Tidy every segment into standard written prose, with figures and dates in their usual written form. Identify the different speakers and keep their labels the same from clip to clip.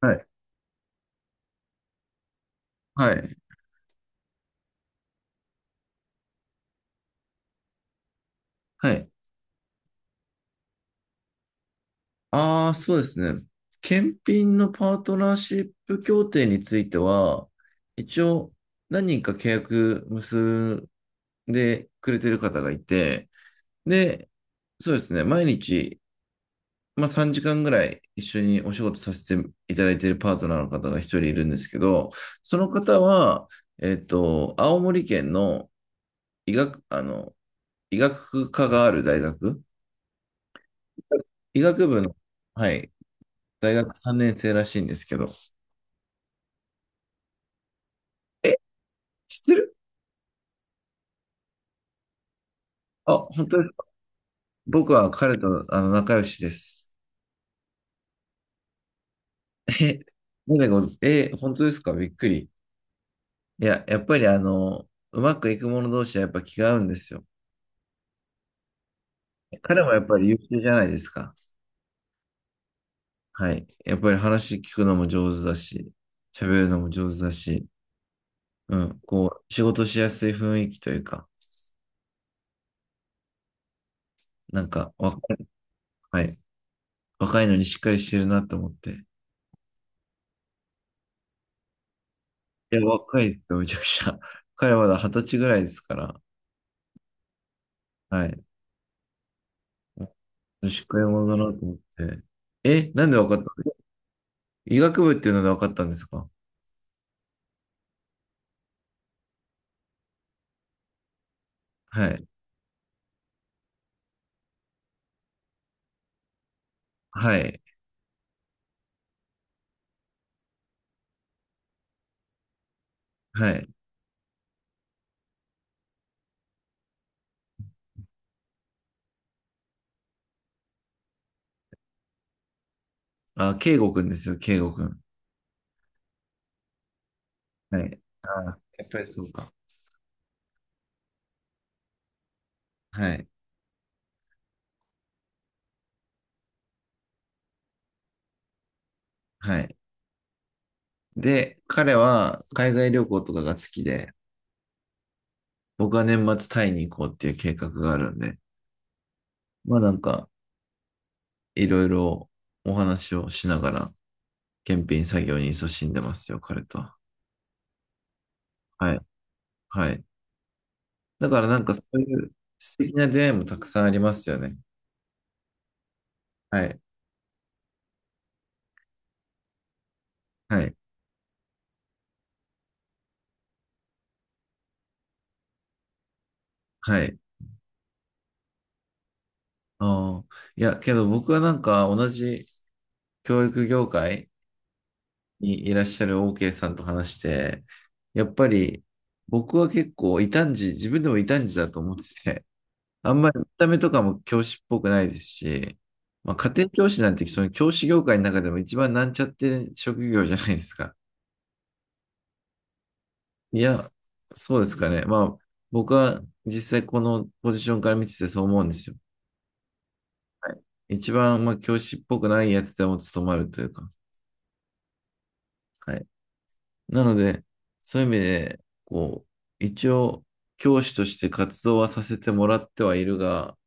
Speaker 1: はい。はい。はい。ああ、そうですね。検品のパートナーシップ協定については、一応何人か契約結んでくれてる方がいて、で、そうですね。毎日、3時間ぐらい一緒にお仕事させていただいているパートナーの方が一人いるんですけど、その方は、青森県の医学、医学科がある大学、医学部の、はい、大学3年生らしいんですけど、え、知ってる？あ、本当ですか？僕は彼と仲良しです。え、なんでえ、本当ですか？びっくり。いや、やっぱりうまくいく者同士はやっぱ気が合うんですよ。彼もやっぱり優秀じゃないですか。はい。やっぱり話聞くのも上手だし、喋るのも上手だし、うん、こう、仕事しやすい雰囲気というか、若い、はい、若いのにしっかりしてるなと思って、いや、若いですよ、めちゃくちゃ。彼はまだ二十歳ぐらいですから。はい。女子会もだなと思って。え、なんで分かったんですか？医学部っていうので分かったんですか？はい。はい。はい。あ、圭吾くんですよ、圭吾くん。はい。あ、やっぱりそうか。はい。はい。で、彼は海外旅行とかが好きで、僕は年末タイに行こうっていう計画があるんで、まあなんか、いろいろお話をしながら、検品作業に勤しんでますよ、彼とは。はい。はい。だからそういう素敵な出会いもたくさんありますよね。はい。はい。はい。ああ。いや、けど僕は同じ教育業界にいらっしゃる OK さんと話して、やっぱり僕は結構異端児、自分でも異端児だと思ってて、あんまり見た目とかも教師っぽくないですし、まあ、家庭教師なんてその教師業界の中でも一番なんちゃって職業じゃないですか。いや、そうですかね。まあ、僕は実際このポジションから見ててそう思うんですよ。はい。一番、まあ、教師っぽくないやつでも務まるというか。はい。なので、そういう意味で、こう、一応、教師として活動はさせてもらってはいるが、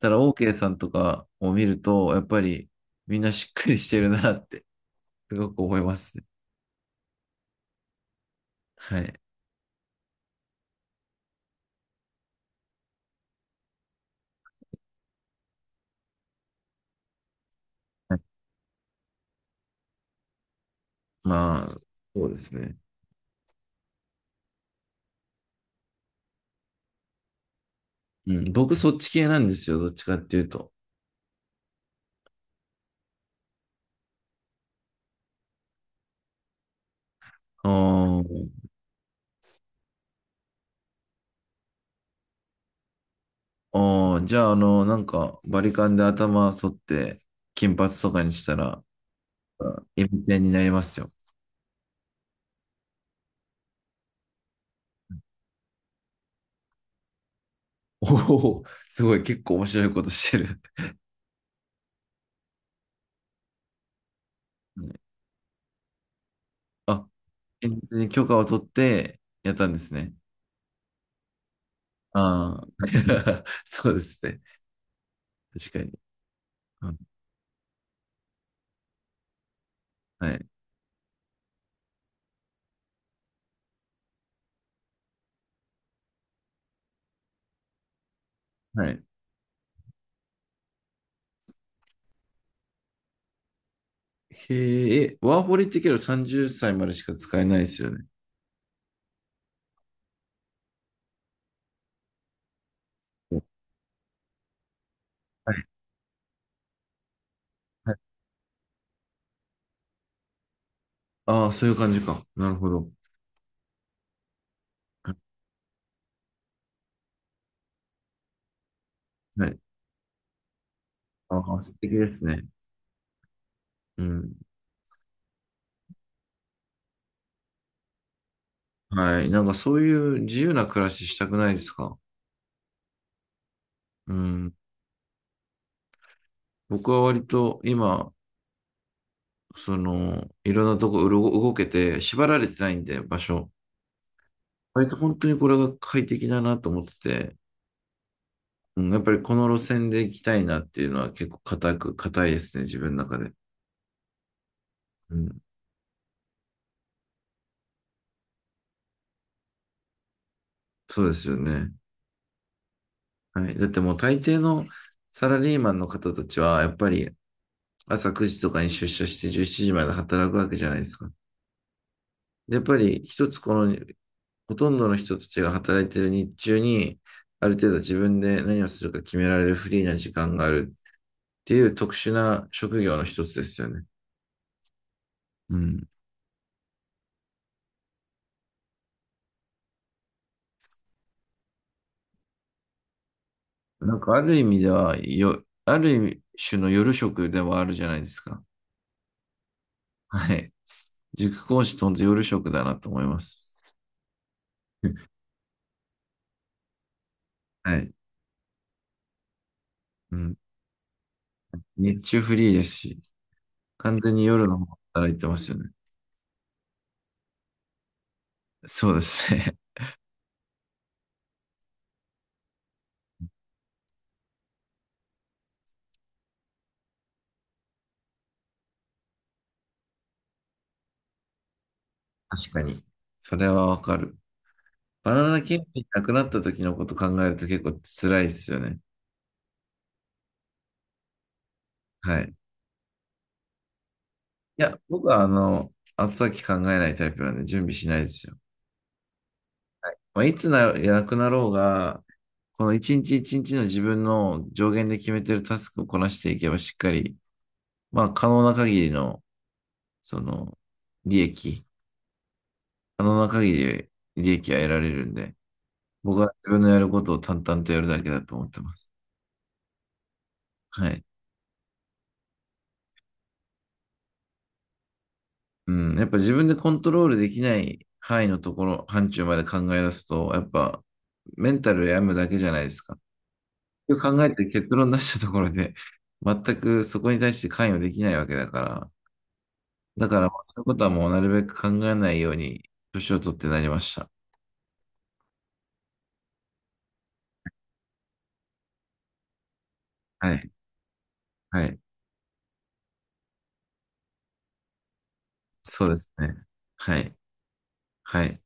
Speaker 1: ただ、OK さんとかを見ると、やっぱり、みんなしっかりしてるなって、すごく思いますね。はい。はい。まあ、そうですね。うん、僕、そっち系なんですよ。どっちかっていうと。あー。ああ、じゃあ、バリカンで頭剃って、金髪とかにしたら、エビちゃんになりますよ。おお、すごい、結構面白いことしてる。うん。あ、現実に許可を取ってやったんですね。ああ、そうですね。確かに。うん。はい。はい。へえ、え、ワーホリってけど30歳までしか使えないですよね。はい。はい。ああ、そういう感じか。なるほど。はい。ああ、素敵ですね。うん。はい。そういう自由な暮らししたくないですか？うん。僕は割と今、その、いろんなとこうろ動けて、縛られてないんで、場所。割と本当にこれが快適だなと思ってて、うん、やっぱりこの路線で行きたいなっていうのは結構固く、固いですね、自分の中で。うん。そうですよね。はい。だってもう大抵のサラリーマンの方たちは、やっぱり朝9時とかに出社して17時まで働くわけじゃないですか。でやっぱり一つこのほとんどの人たちが働いている日中に、ある程度自分で何をするか決められるフリーな時間があるっていう特殊な職業の一つですよね。うん。ある意味では、よ、ある種の夜食ではあるじゃないですか。はい。塾講師と本当夜食だなと思います。はい。うん。日中フリーですし、完全に夜の方働いてますよね。そうですね。確かに。それはわかる。バナナキングなくなった時のこと考えると結構辛いですよね。はい。いや、僕は、後先考えないタイプなんで準備しないですよ。まあ、いつな、なくなろうが、この一日一日の自分の上限で決めてるタスクをこなしていけばしっかり、まあ、可能な限りの、その、利益、可能な限り利益は得られるんで、僕は自分のやることを淡々とやるだけだと思ってます。はい。うん。やっぱ自分でコントロールできない範囲のところ、範疇まで考え出すと、やっぱメンタル病むだけじゃないですか。結局考えて結論出したところで、全くそこに対して関与できないわけだから、だからまあそういうことはもうなるべく考えないように、年を取ってなりました。はい。はい。そうですね。はい。はい。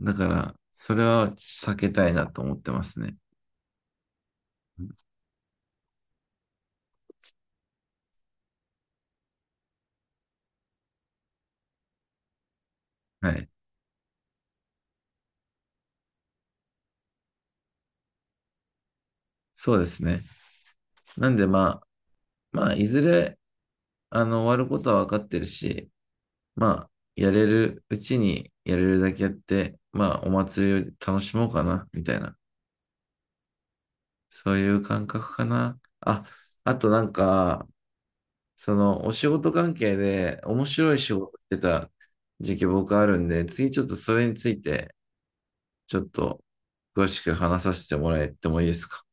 Speaker 1: だから、それは避けたいなと思ってますね。はい。そうですね。なんでまあ、まあ、いずれ、終わることは分かってるし、まあ、やれるうちにやれるだけやって、まあ、お祭りを楽しもうかな、みたいな。そういう感覚かな。あ、あとそのお仕事関係で面白い仕事してた時期僕あるんで、次ちょっとそれについてちょっと詳しく話させてもらえてもいいですか？